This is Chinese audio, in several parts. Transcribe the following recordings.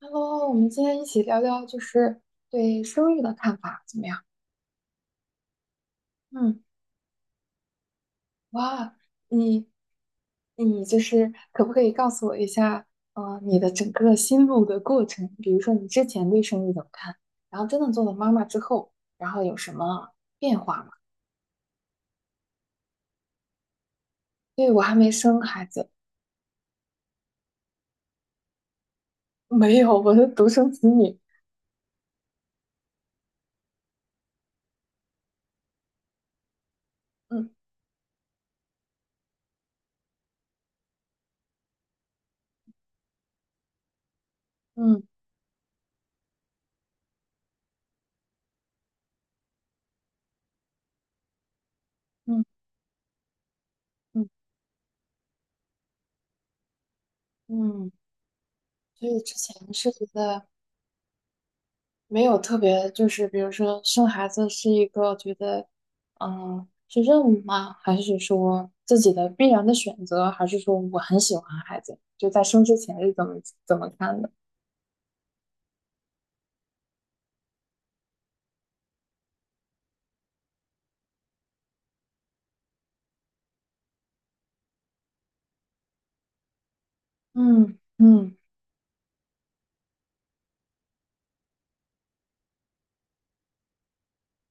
Hello，我们今天一起聊聊就是对生育的看法怎么样？嗯，哇，你你就是可不可以告诉我一下，你的整个心路的过程？比如说你之前对生育怎么看，然后真的做了妈妈之后，然后有什么变化吗？对，我还没生孩子，没有，我是独生子女。嗯嗯嗯嗯嗯，所以之前是觉得。没有特别，就是比如说生孩子是一个觉得，是任务吗？还是说自己的必然的选择？还是说我很喜欢孩子？就在生之前是怎么看的？嗯嗯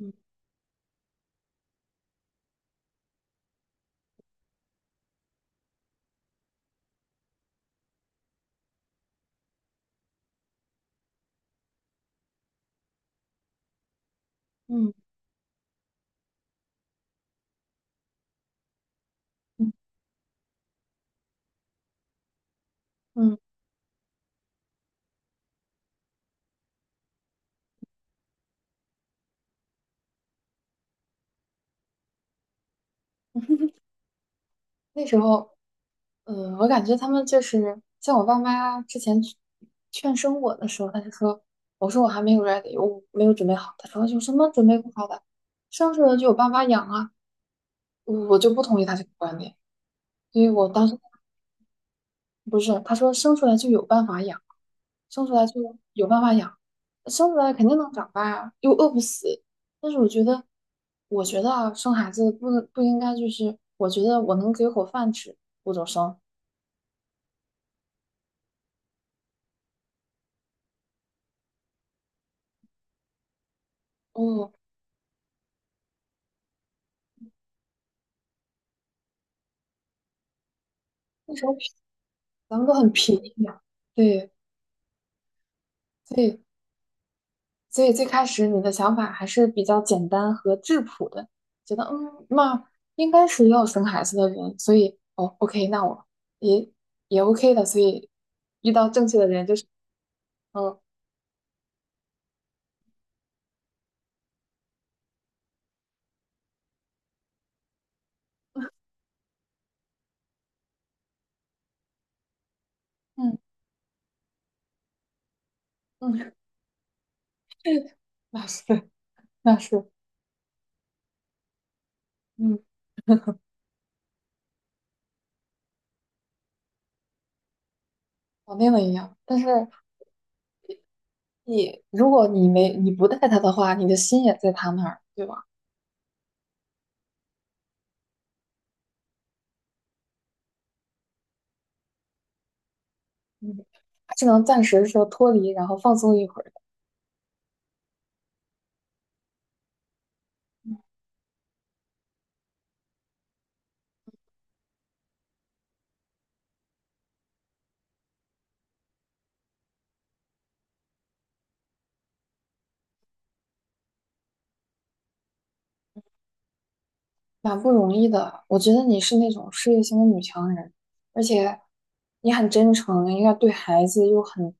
嗯嗯嗯嗯，那时候，我感觉他们就是像我爸妈之前劝生我的时候，他就说，我说我还没有 ready，我没有准备好。他说有什么准备不好的，生出来就有爸妈养啊。我就不同意他这个观点。所以我当时。不是，他说生出来就有办法养，生出来就有办法养，生出来肯定能长大呀，又饿不死。但是我觉得啊，生孩子不能不应该就是，我觉得我能给口饭吃，我就生。哦，那时候咱们都很便宜呀，对对，所以最开始你的想法还是比较简单和质朴的，觉得那应该是要生孩子的人，所以哦，OK，那我也也 OK 的，所以遇到正确的人就是嗯嗯嗯，那是那是，嗯，搞定了一样。但是如果你不带他的话，你的心也在他那儿，对吧？嗯，只能暂时说脱离，然后放松一会儿。蛮不容易的。我觉得你是那种事业型的女强人，而且你很真诚，应该对孩子又很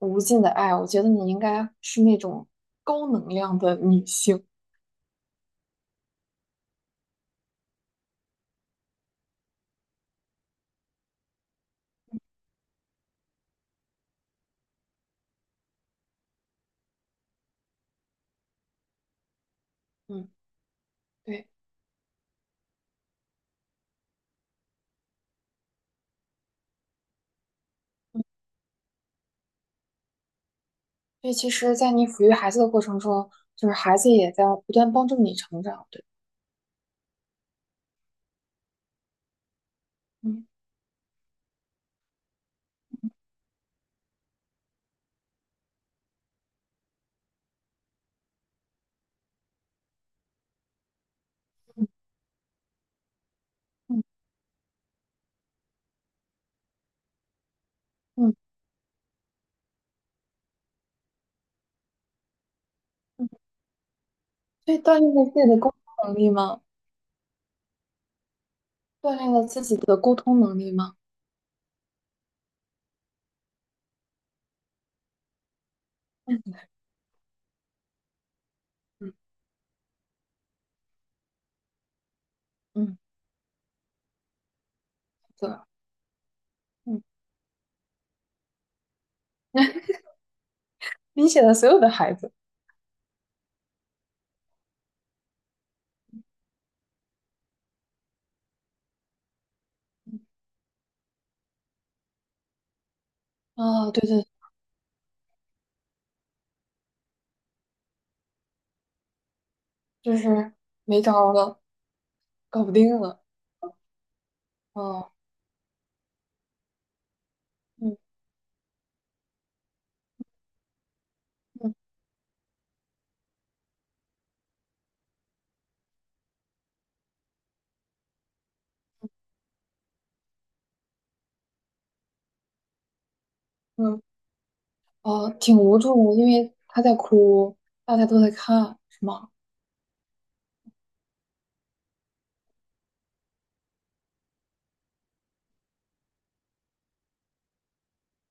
无尽的爱。我觉得你应该是那种高能量的女性。嗯，对。所以其实，在你抚育孩子的过程中，就是孩子也在不断帮助你成长。对，嗯嗯嗯嗯，所以锻炼了自己的沟通能力吗？锻炼了自己的沟通能力吗？嗯嗯嗯，对，嗯，理解了所有的孩子。啊，对对就是没招儿了，搞不定了。哦，嗯嗯嗯，哦，挺无助，因为他在哭，大家都在看，是吗？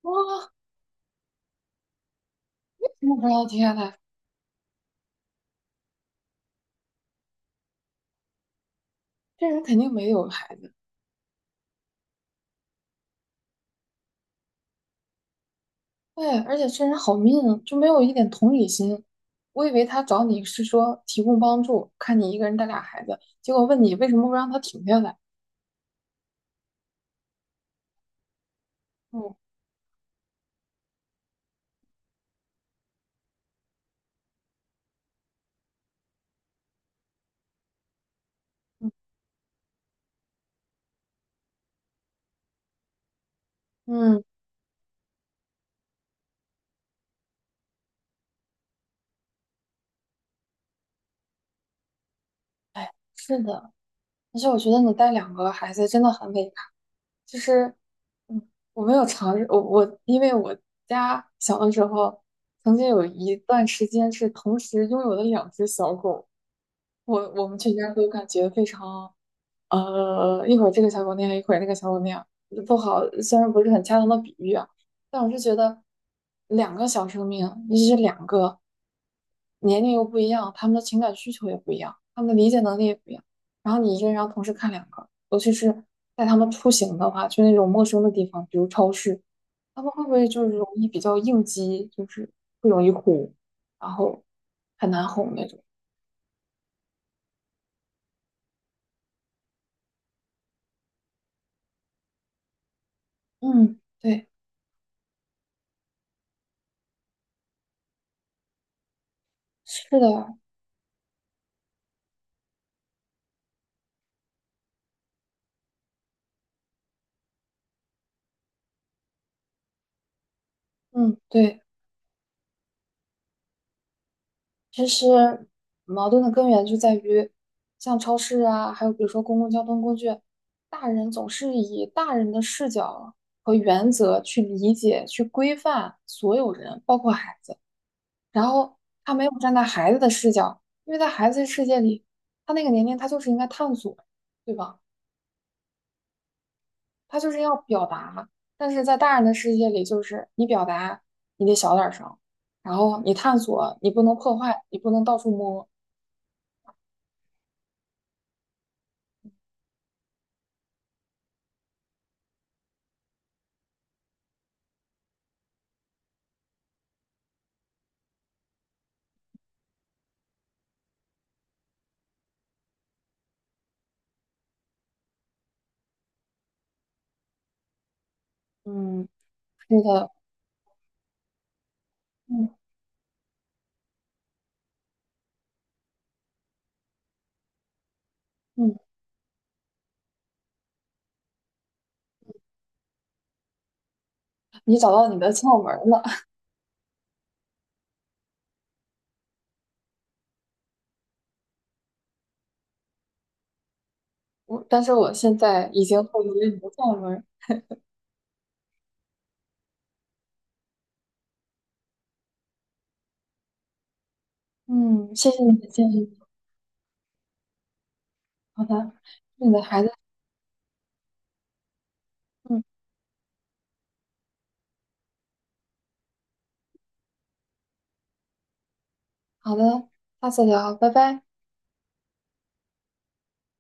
哇，我停下呐，这人肯定没有孩子。对，而且这人好命 e 就没有一点同理心。我以为他找你是说提供帮助，看你一个人带俩孩子，结果问你为什么不让他停下来。嗯嗯嗯，哎，是的，而且我觉得你带两个孩子真的很伟大。就是，嗯，我没有尝试，因为我家小的时候曾经有一段时间是同时拥有了两只小狗，我们全家都感觉非常一会儿这个小狗那样，一会儿那个小狗那样，不好，虽然不是很恰当的比喻啊，但我是觉得两个小生命，尤其是两个年龄又不一样，他们的情感需求也不一样，他们的理解能力也不一样，然后你一个人要同时看两个，尤其是带他们出行的话，去那种陌生的地方，比如超市，他们会不会就是容易比较应激，就是会容易哭，然后很难哄那种？嗯，对，是的，嗯，对。其实矛盾的根源就在于，像超市啊，还有比如说公共交通工具，大人总是以大人的视角和原则去理解、去规范所有人，包括孩子。然后他没有站在孩子的视角，因为在孩子的世界里，他那个年龄他就是应该探索，对吧？他就是要表达，但是在大人的世界里，就是你表达你得小点儿声，然后你探索，你不能破坏，你不能到处摸。嗯，是的，嗯嗯，你找到你的窍门儿了。但是我现在已经获得了你的窍门儿。嗯，谢谢你的建议。好的，祝你的孩子。嗯，好的，下次聊，拜拜。